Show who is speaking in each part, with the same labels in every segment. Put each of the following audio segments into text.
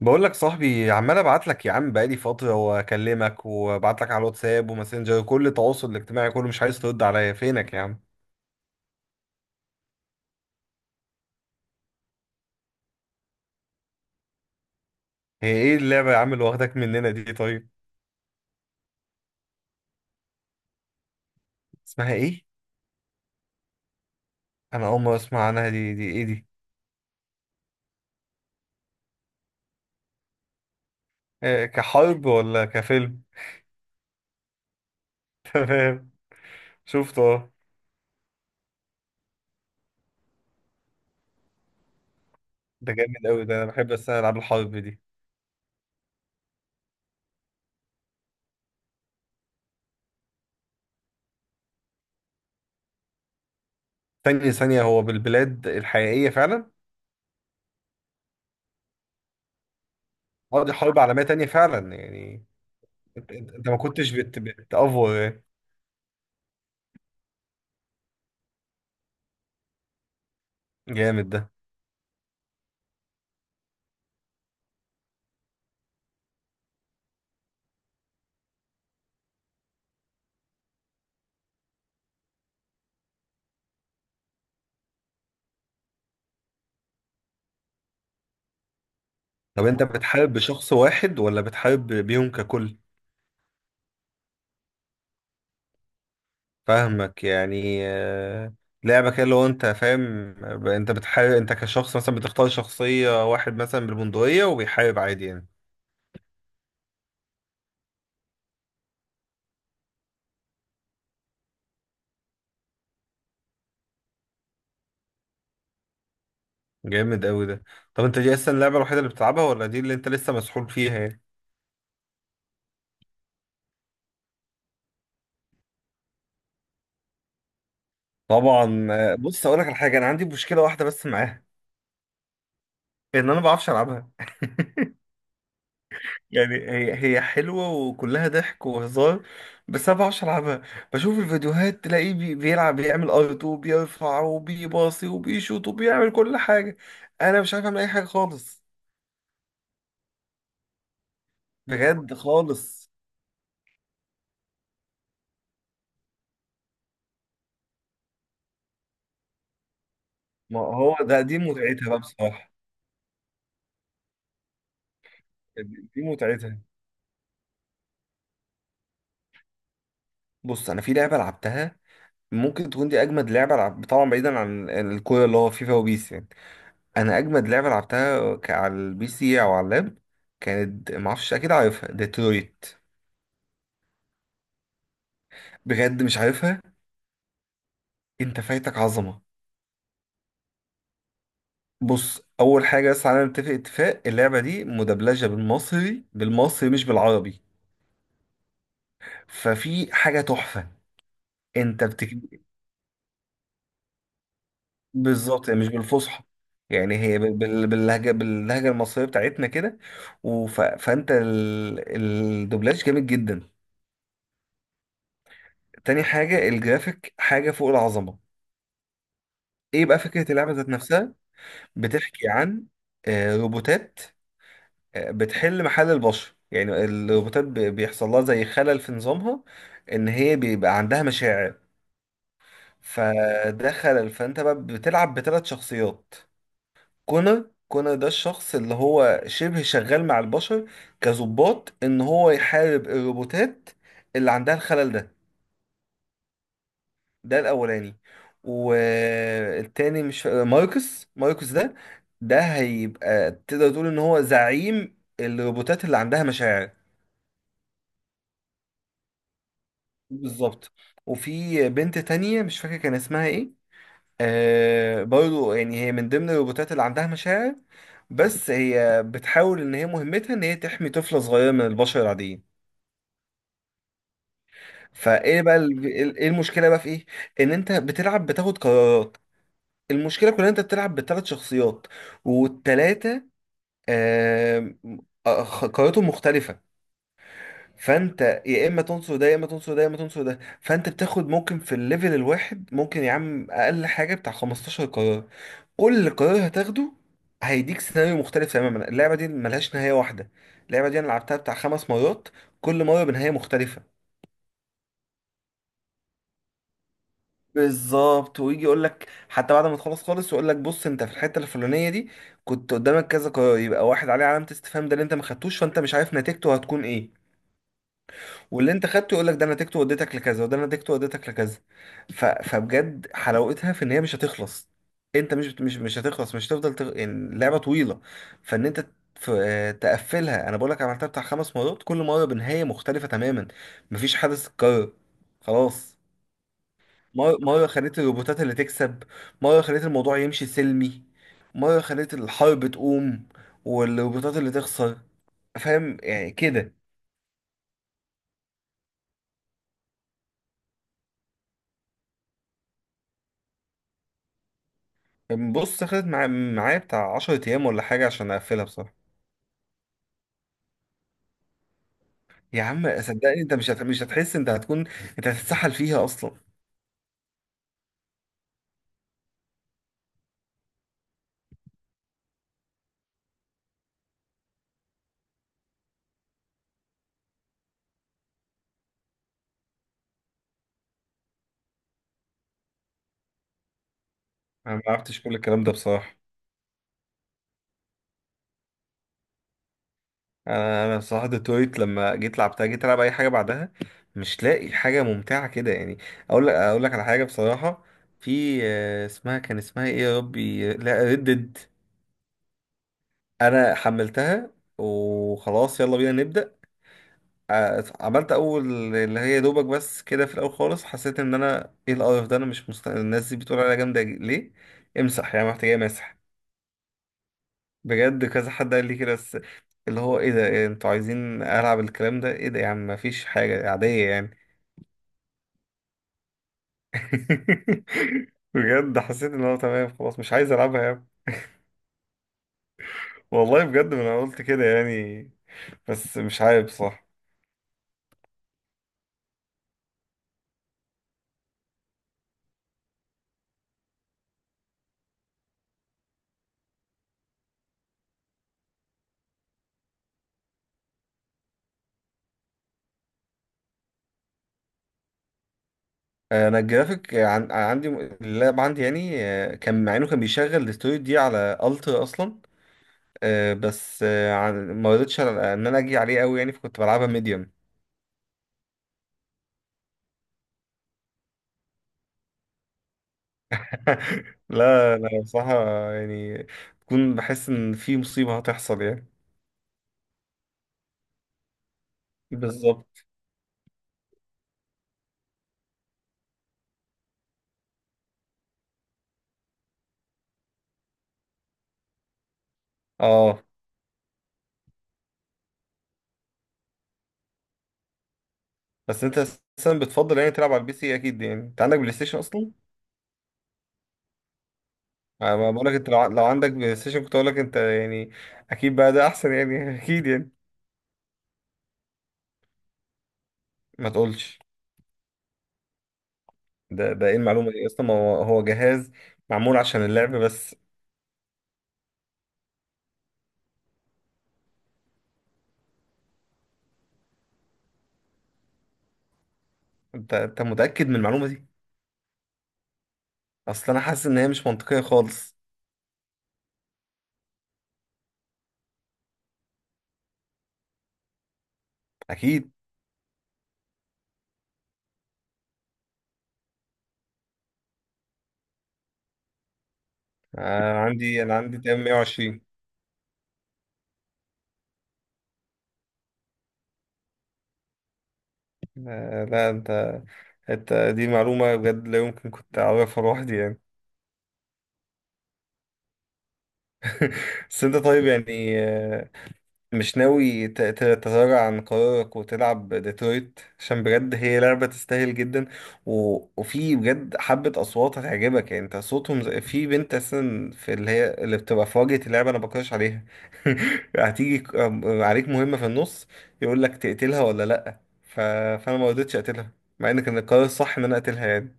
Speaker 1: بقول لك صاحبي عمال ابعت لك يا عم، بقالي فتره واكلمك وابعت لك على الواتساب وماسنجر وكل التواصل الاجتماعي كله، مش عايز ترد عليا. فينك يا عم؟ هي ايه اللعبه يا عم اللي واخداك مننا دي؟ طيب، اسمها ايه؟ انا اول مره اسمع عنها. دي ايه دي؟ إيه، كحرب ولا كفيلم؟ تمام. شفته، اه. ده جامد قوي، ده انا بحب بس أنا العاب الحرب دي. ثانيه ثانيه، هو بالبلاد الحقيقيه فعلا؟ اه، دي حرب عالميه تانية فعلا يعني. انت ما كنتش بتأفور يعني. جامد ده. طب انت بتحارب بشخص واحد ولا بتحارب بيهم ككل؟ فاهمك يعني، آه. لعبة كده لو انت فاهم. انت بتحارب، انت كشخص مثلا بتختار شخصية واحد مثلا بالبندقية وبيحارب عادي يعني. جامد قوي ده. طب انت دي اصلا اللعبة الوحيدة اللي بتلعبها، ولا دي اللي انت لسه مسحول فيها يعني؟ طبعا، آه. بص اقول لك على حاجة، انا عندي مشكلة واحدة بس معاها: ان انا ما بعرفش العبها. يعني هي حلوة وكلها ضحك وهزار، بس أنا بعرفش ألعبها. بشوف الفيديوهات تلاقيه بيلعب، بيعمل أرت وبيرفع وبيباصي وبيشوط وبيعمل كل حاجة. أنا مش عارف أعمل أي حاجة خالص. بجد خالص. ما هو ده، دي متعتها بقى بصراحة. دي متعتها. بص أنا في لعبة لعبتها، ممكن تكون دي أجمد لعبة لعب طبعا، بعيدا عن الكورة اللي هو فيفا وبيس يعني. أنا أجمد لعبة لعبتها على البي سي أو على اللاب، كانت معرفش أكيد عارفها، ديترويت. بجد مش عارفها. انت فايتك عظمه. بص، اول حاجه بس على نتفق اتفاق، اللعبه دي مدبلجه بالمصري، بالمصري مش بالعربي. ففي حاجه تحفه. انت بتك... بالظبط يعني مش بالفصحى. يعني هي باللهجه المصريه بتاعتنا كده. فانت الدوبلاج جامد جدا. تاني حاجه، الجرافيك حاجه فوق العظمه. ايه بقى فكره اللعبه ذات نفسها؟ بتحكي عن روبوتات بتحل محل البشر. يعني الروبوتات بيحصل لها زي خلل في نظامها، ان هي بيبقى عندها مشاعر. فده خلل، فانت بقى بتلعب بثلاث شخصيات. كونر، كونر ده الشخص اللي هو شبه شغال مع البشر كظباط، ان هو يحارب الروبوتات اللي عندها الخلل ده. ده الاولاني. والتاني، مش ماركوس، ماركوس ده، ده هيبقى تقدر تقول ان هو زعيم الروبوتات اللي عندها مشاعر. بالظبط. وفي بنت تانية مش فاكر كان اسمها ايه، آه، برضو يعني هي من ضمن الروبوتات اللي عندها مشاعر، بس هي بتحاول ان هي مهمتها ان هي تحمي طفلة صغيرة من البشر العاديين. فايه بقى ايه المشكلة بقى، في ايه؟ ان انت بتلعب بتاخد قرارات. المشكلة كلها إن انت بتلعب بثلاث شخصيات، والتلاتة، آه، آه، قراراتهم مختلفة. فانت يا اما تنصر ده يا اما تنصر ده يا اما تنصر ده، فانت بتاخد ممكن في الليفل الواحد ممكن يا عم اقل حاجه بتاع 15 قرار. كل قرار هتاخده هيديك سيناريو مختلف تماما. اللعبه دي ملهاش نهايه واحده. اللعبه دي انا لعبتها بتاع خمس مرات، كل مره بنهايه مختلفه. بالظبط، ويجي يقول لك حتى بعد ما تخلص خالص، يقول لك بص انت في الحته الفلانيه دي كنت قدامك كذا قرار، يبقى واحد عليه علامه استفهام ده اللي انت ما خدتوش، فانت مش عارف نتيجته هتكون ايه. واللي انت خدته يقول لك ده انا نتيجته وديتك لكذا، وده انا نتيجته وديتك لكذا. فبجد حلاوتها في ان هي مش هتخلص. انت مش هتخلص، مش هتفضل يعني اللعبه طويله. فان انت ف... تقفلها. انا بقول لك عملتها بتاع خمس مرات، كل مره بنهايه مختلفه تماما. مفيش حدث اتكرر خلاص. مره خليت الروبوتات اللي تكسب، مره خليت الموضوع يمشي سلمي، مره خليت الحرب تقوم والروبوتات اللي تخسر. فاهم يعني كده. بص خدت معايا بتاع 10 ايام ولا حاجه عشان اقفلها بصراحه. يا عم صدقني انت مش هتحس، انت هتكون انت هتتسحل فيها اصلا. انا ما عرفتش كل الكلام ده بصراحه. انا بصراحه ديترويت لما جيت لعبتها، جيت العب اي حاجه بعدها مش لاقي حاجه ممتعه كده يعني. اقول لك على حاجه بصراحه: في اسمها، كان اسمها ايه يا ربي؟ لا ردد. انا حملتها، وخلاص يلا بينا نبدا. عملت اول اللي هي دوبك بس كده في الاول خالص، حسيت ان انا ايه القرف ده. انا مش مست... الناس دي بتقول عليا جامده ليه؟ امسح، يعني محتاجه مسح. بجد كذا حد قال لي كده، بس اللي هو ايه ده، إيه انتوا عايزين العب الكلام ده؟ ايه ده يا عم، مفيش حاجه عاديه يعني. بجد حسيت ان هو تمام خلاص، مش عايز العبها يعني. والله بجد، ما انا قلت كده يعني، بس مش عارف صح. انا الجرافيك عندي، اللاب عندي يعني، آه، كان مع انه كان بيشغل الاستوديو دي على الترا اصلا. آه، بس، آه، ما رضيتش، ان انا اجي عليه قوي يعني، فكنت بلعبها ميديوم. لا لا، بصراحة يعني، بكون بحس ان في مصيبة هتحصل يعني. بالظبط، اه. بس انت اساسا بتفضل يعني تلعب على البي سي، اكيد يعني، انت عندك بلاي ستيشن اصلا. انا ما بقولك انت لو عندك بلاي ستيشن كنت اقولك انت يعني. اكيد بقى ده احسن يعني، اكيد يعني. ما تقولش. ده ايه المعلومة دي اصلا؟ ما هو جهاز معمول عشان اللعب بس. انت متأكد من المعلومة دي؟ اصل انا حاسس ان هي مش منطقية خالص. اكيد. آه، انا عندي تقريبا 120. آه لا انت، انت دي معلومه بجد لا يمكن كنت اعرفها لوحدي يعني. بس انت طيب يعني، آه، مش ناوي تتراجع عن قرارك وتلعب ديترويت؟ عشان بجد هي لعبة تستاهل جدا. و... وفي بجد حبة أصوات هتعجبك يعني، انت صوتهم زي... في بنت أساسا في اللي هي اللي بتبقى في واجهة اللعبة، أنا بكرش عليها. هتيجي عليك مهمة في النص، يقول لك تقتلها ولا لأ، فأنا ما رضيتش أقتلها، مع إن كان القرار الصح إن أنا أقتلها يعني.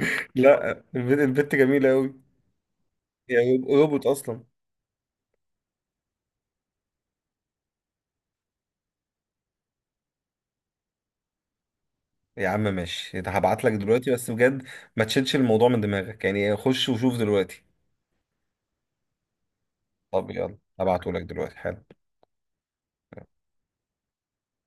Speaker 1: لأ، البنت جميلة أوي، يعني روبوت أصلا. يا عم ماشي، ده هبعت لك دلوقتي، بس بجد ما تشيلش الموضوع من دماغك يعني، خش وشوف دلوقتي. طب يلا، هبعته لك دلوقتي حالا.